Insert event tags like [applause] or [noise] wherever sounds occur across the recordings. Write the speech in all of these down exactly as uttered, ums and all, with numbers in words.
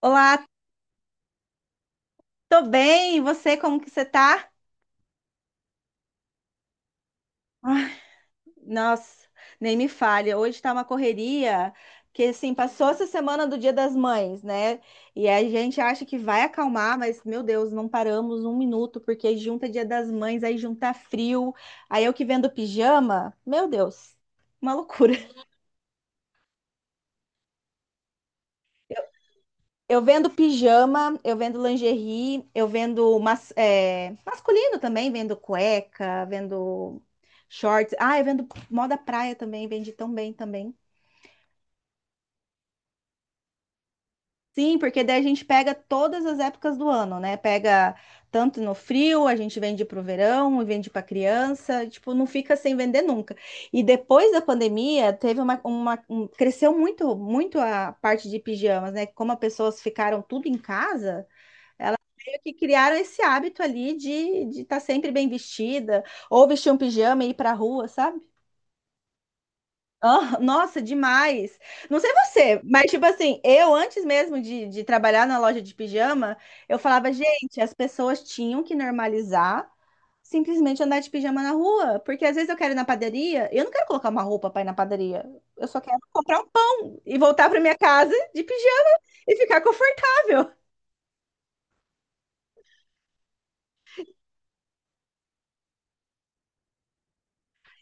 Olá, tô bem. E você, como que você tá? Ai, nossa, nem me falha. Hoje tá uma correria, porque assim, passou essa semana do Dia das Mães, né? E a gente acha que vai acalmar, mas meu Deus, não paramos um minuto, porque junta Dia das Mães, aí junta frio, aí eu que vendo pijama, meu Deus, uma loucura. Eu vendo pijama, eu vendo lingerie, eu vendo mas, é, masculino também, vendo cueca, vendo shorts. Ah, eu vendo moda praia também, vende tão bem também. Sim, porque daí a gente pega todas as épocas do ano, né? Pega tanto no frio, a gente vende pro verão, vende pra criança, tipo, não fica sem vender nunca. E depois da pandemia, teve uma, uma um- cresceu muito, muito a parte de pijamas, né? Como as pessoas ficaram tudo em casa, elas meio que criaram esse hábito ali de de estar sempre bem vestida, ou vestir um pijama e ir pra rua, sabe? Ah, nossa, demais. Não sei você, mas tipo assim, eu antes mesmo de, de trabalhar na loja de pijama, eu falava, gente, as pessoas tinham que normalizar simplesmente andar de pijama na rua, porque às vezes eu quero ir na padaria, eu não quero colocar uma roupa pra ir na padaria, eu só quero comprar um pão e voltar pra minha casa de pijama e ficar confortável.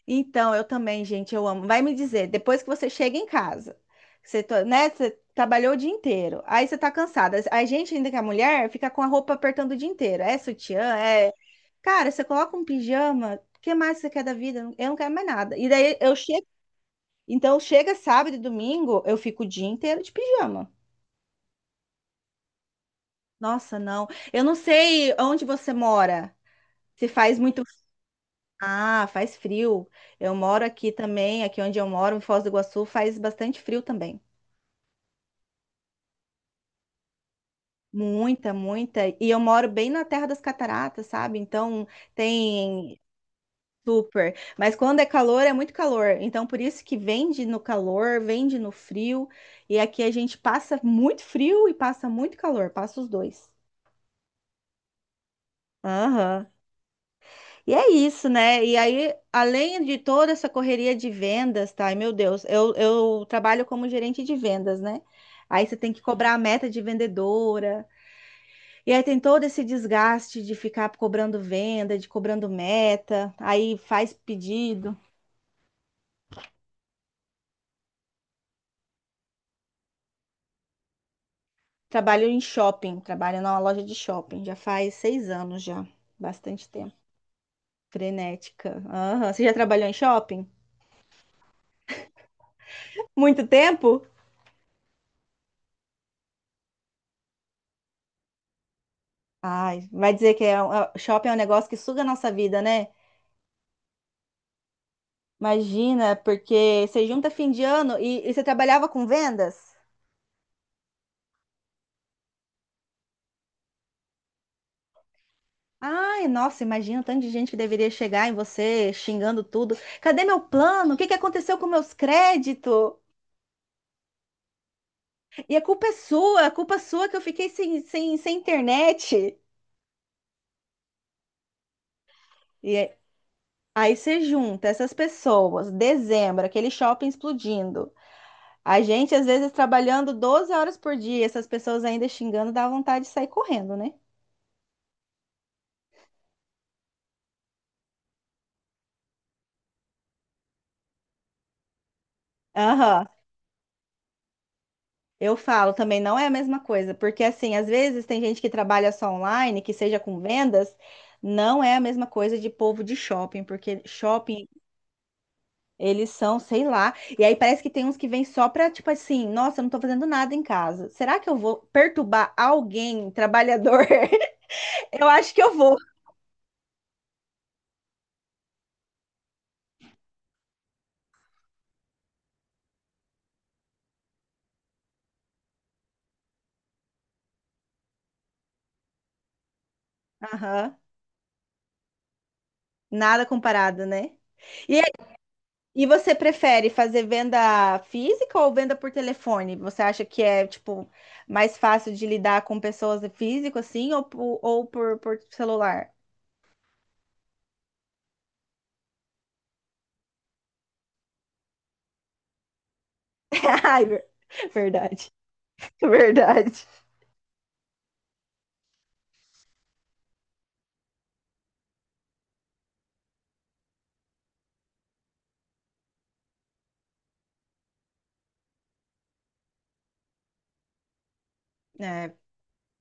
Então, eu também, gente, eu amo. Vai me dizer, depois que você chega em casa, você, to- né, você trabalhou o dia inteiro, aí você tá cansada. A gente, ainda que é mulher, fica com a roupa apertando o dia inteiro. É sutiã, é. Cara, você coloca um pijama, o que mais você quer da vida? Eu não quero mais nada. E daí eu chego. Então, chega sábado e domingo, eu fico o dia inteiro de pijama. Nossa, não. Eu não sei onde você mora. Se faz muito. Ah, faz frio. Eu moro aqui também, aqui onde eu moro, em Foz do Iguaçu, faz bastante frio também. Muita, muita. E eu moro bem na Terra das Cataratas, sabe? Então tem super. Mas quando é calor, é muito calor. Então por isso que vende no calor, vende no frio. E aqui a gente passa muito frio e passa muito calor, passa os dois. Aham. E é isso, né? E aí, além de toda essa correria de vendas, tá? Ai, meu Deus, eu, eu trabalho como gerente de vendas, né? Aí você tem que cobrar a meta de vendedora. E aí tem todo esse desgaste de ficar cobrando venda, de cobrando meta, aí faz pedido. Trabalho em shopping, trabalho numa loja de shopping, já faz seis anos já, bastante tempo. Frenética. Aham. Você já trabalhou em shopping? Muito tempo? Ai, vai dizer que é um- é- shopping é um negócio que suga a nossa vida, né? Imagina, porque você junta fim de ano e, e você trabalhava com vendas? Ai, nossa, imagina o tanto de gente que deveria chegar em você xingando tudo. Cadê meu plano? O que que aconteceu com meus créditos? E a culpa é sua, a culpa é sua que eu fiquei sem, sem, sem internet. E é- Aí você junta essas pessoas, dezembro, aquele shopping explodindo. A gente, às vezes, trabalhando doze horas por dia, essas pessoas ainda xingando, dá vontade de sair correndo, né? Aham. Eu falo também, não é a mesma coisa, porque assim, às vezes tem gente que trabalha só online, que seja com vendas, não é a mesma coisa de povo de shopping, porque shopping eles são, sei lá, e aí parece que tem uns que vêm só pra, tipo assim, nossa, eu não tô fazendo nada em casa. Será que eu vou perturbar alguém, trabalhador? [laughs] Eu acho que eu vou. Aham. Nada comparado, né? E E você prefere fazer venda física ou venda por telefone? Você acha que é, tipo, mais fácil de lidar com pessoas físico, assim, ou, po- ou por, por celular? [laughs] Ai, ver- verdade, [laughs] verdade.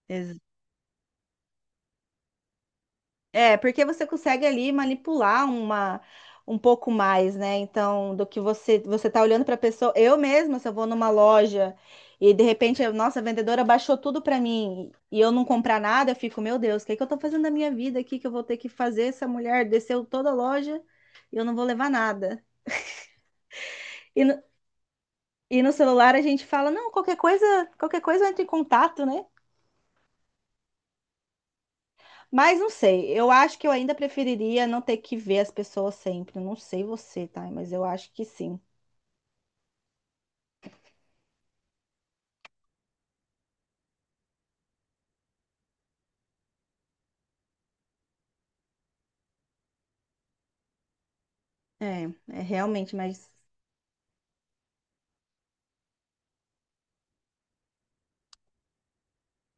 É, É, porque você consegue ali manipular uma um pouco mais, né? Então, do que você você tá olhando para a pessoa, eu mesma, se eu vou numa loja e de repente, eu- nossa, a vendedora baixou tudo para mim e eu não comprar nada, eu fico, meu Deus, o que que eu tô fazendo da minha vida aqui que eu vou ter que fazer? Essa mulher desceu toda a loja e eu não vou levar nada. E no, e no celular a gente fala, não, qualquer coisa, qualquer coisa entra em contato, né? Mas não sei, eu acho que eu ainda preferiria não ter que ver as pessoas sempre. Eu não sei você, tá? Mas eu acho que sim. É, é realmente, mas.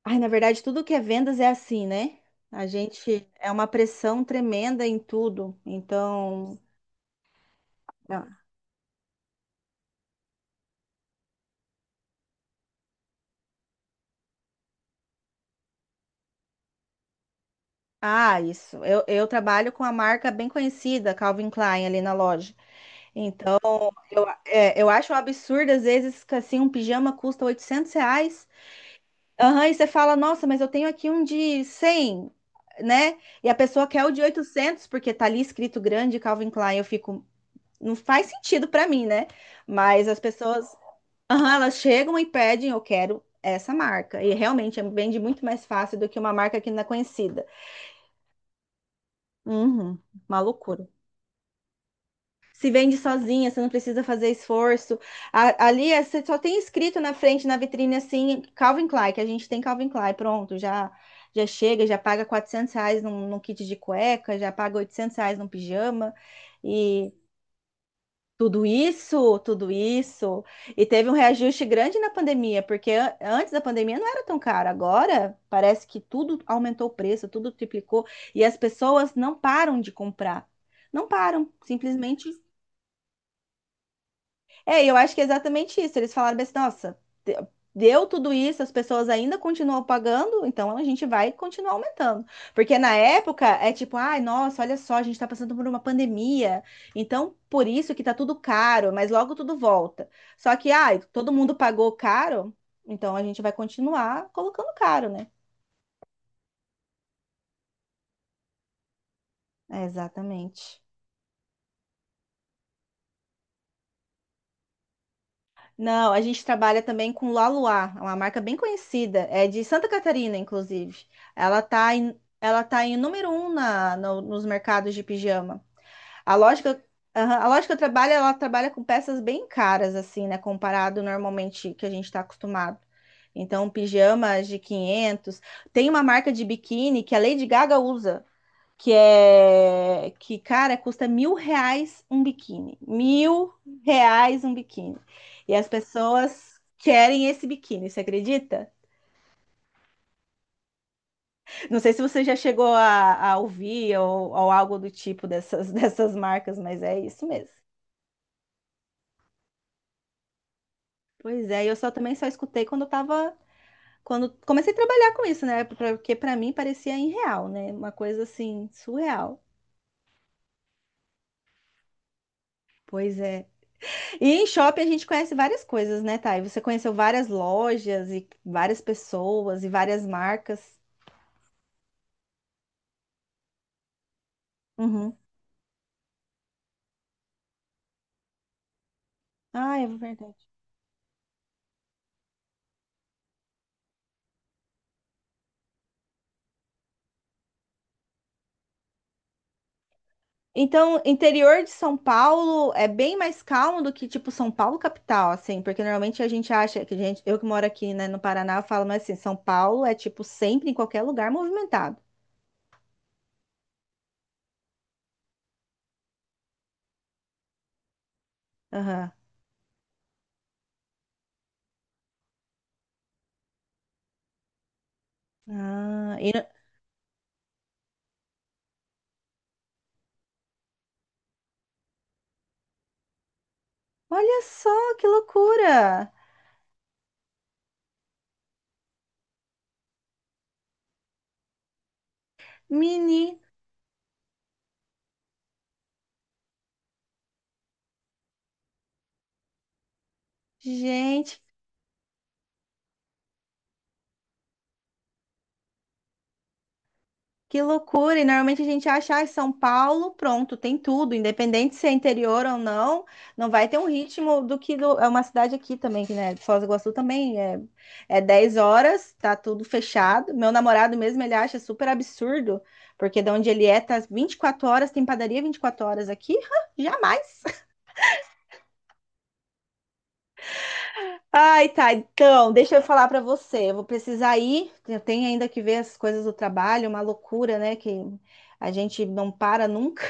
Ai, na verdade, tudo que é vendas é assim, né? A gente é uma pressão tremenda em tudo. Então. Ah, ah, isso. Eu, eu trabalho com a marca bem conhecida, Calvin Klein, ali na loja. Então, eu, é, eu acho um absurdo, às vezes, que assim, um pijama custa oitocentos reais. Aham, e você fala, nossa, mas eu tenho aqui um de cem, né? E a pessoa quer o de oitocentos porque tá ali escrito grande Calvin Klein. Eu fico, não faz sentido pra mim, né? Mas as pessoas, aham, elas chegam e pedem, eu quero essa marca. E realmente vende muito mais fácil do que uma marca que não é conhecida. Uhum, uma loucura. Se vende sozinha, você não precisa fazer esforço. A- ali é- você só tem escrito na frente, na vitrine, assim, Calvin Klein, que a gente tem Calvin Klein, pronto, já já chega, já paga quatrocentos reais num, num kit de cueca, já paga oitocentos reais num pijama, e tudo isso, tudo isso. E teve um reajuste grande na pandemia, porque an- antes da pandemia não era tão caro, agora parece que tudo aumentou o preço, tudo triplicou, e as pessoas não param de comprar. Não param, simplesmente. É, e eu acho que é exatamente isso. Eles falaram assim, nossa, de- deu tudo isso, as pessoas ainda continuam pagando, então a gente vai continuar aumentando. Porque na época é tipo, ai, nossa, olha só, a gente tá passando por uma pandemia, então por isso que tá tudo caro, mas logo tudo volta. Só que, ai, todo mundo pagou caro, então a gente vai continuar colocando caro, né? É, exatamente. Não, a gente trabalha também com Laluá, é uma marca bem conhecida, é de Santa Catarina, inclusive. Ela tá em, ela tá em número um na, no- nos mercados de pijama. A lógica, a loja que eu trabalho, ela trabalha com peças bem caras, assim, né, comparado normalmente que a gente está acostumado. Então, pijamas de quinhentos. Tem uma marca de biquíni que a Lady Gaga usa que é que, cara, custa mil reais um biquíni. Mil reais um biquíni. E as pessoas querem esse biquíni, você acredita? Não sei se você já chegou a, a ouvir ou, ou algo do tipo dessas, [laughs] dessas marcas, mas é isso mesmo. Pois é, eu só também só escutei quando eu tava. Quando comecei a trabalhar com isso, né? Porque pra mim parecia irreal, né? Uma coisa assim, surreal. Pois é. E em shopping a gente conhece várias coisas, né, Thay? Você conheceu várias lojas e várias pessoas e várias marcas. Uhum. Ah, é verdade. Então, interior de São Paulo é bem mais calmo do que, tipo, São Paulo capital, assim, porque normalmente a gente acha que a gente, eu que moro aqui, né, no Paraná, eu falo, mas assim, São Paulo é, tipo, sempre em qualquer lugar movimentado. Aham. Ah, e no- Olha só que loucura! Mini, gente. Que loucura! E normalmente a gente acha, ah, São Paulo, pronto, tem tudo, independente se é interior ou não, não vai ter um ritmo do que do- é uma cidade aqui também, que, né? Foz do Iguaçu também é, é dez horas, tá tudo fechado. Meu namorado mesmo, ele acha super absurdo, porque de onde ele é, tá vinte e quatro horas, tem padaria vinte e quatro horas aqui? [laughs] Jamais! Ai, tá, então, deixa eu falar pra você, eu vou precisar ir, eu tenho ainda que ver as coisas do trabalho, uma loucura, né, que a gente não para nunca.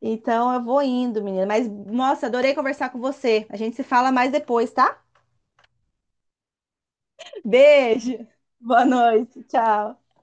Então eu vou indo, menina. Mas, nossa, adorei conversar com você. A gente se fala mais depois, tá? Beijo. Boa noite. Tchau.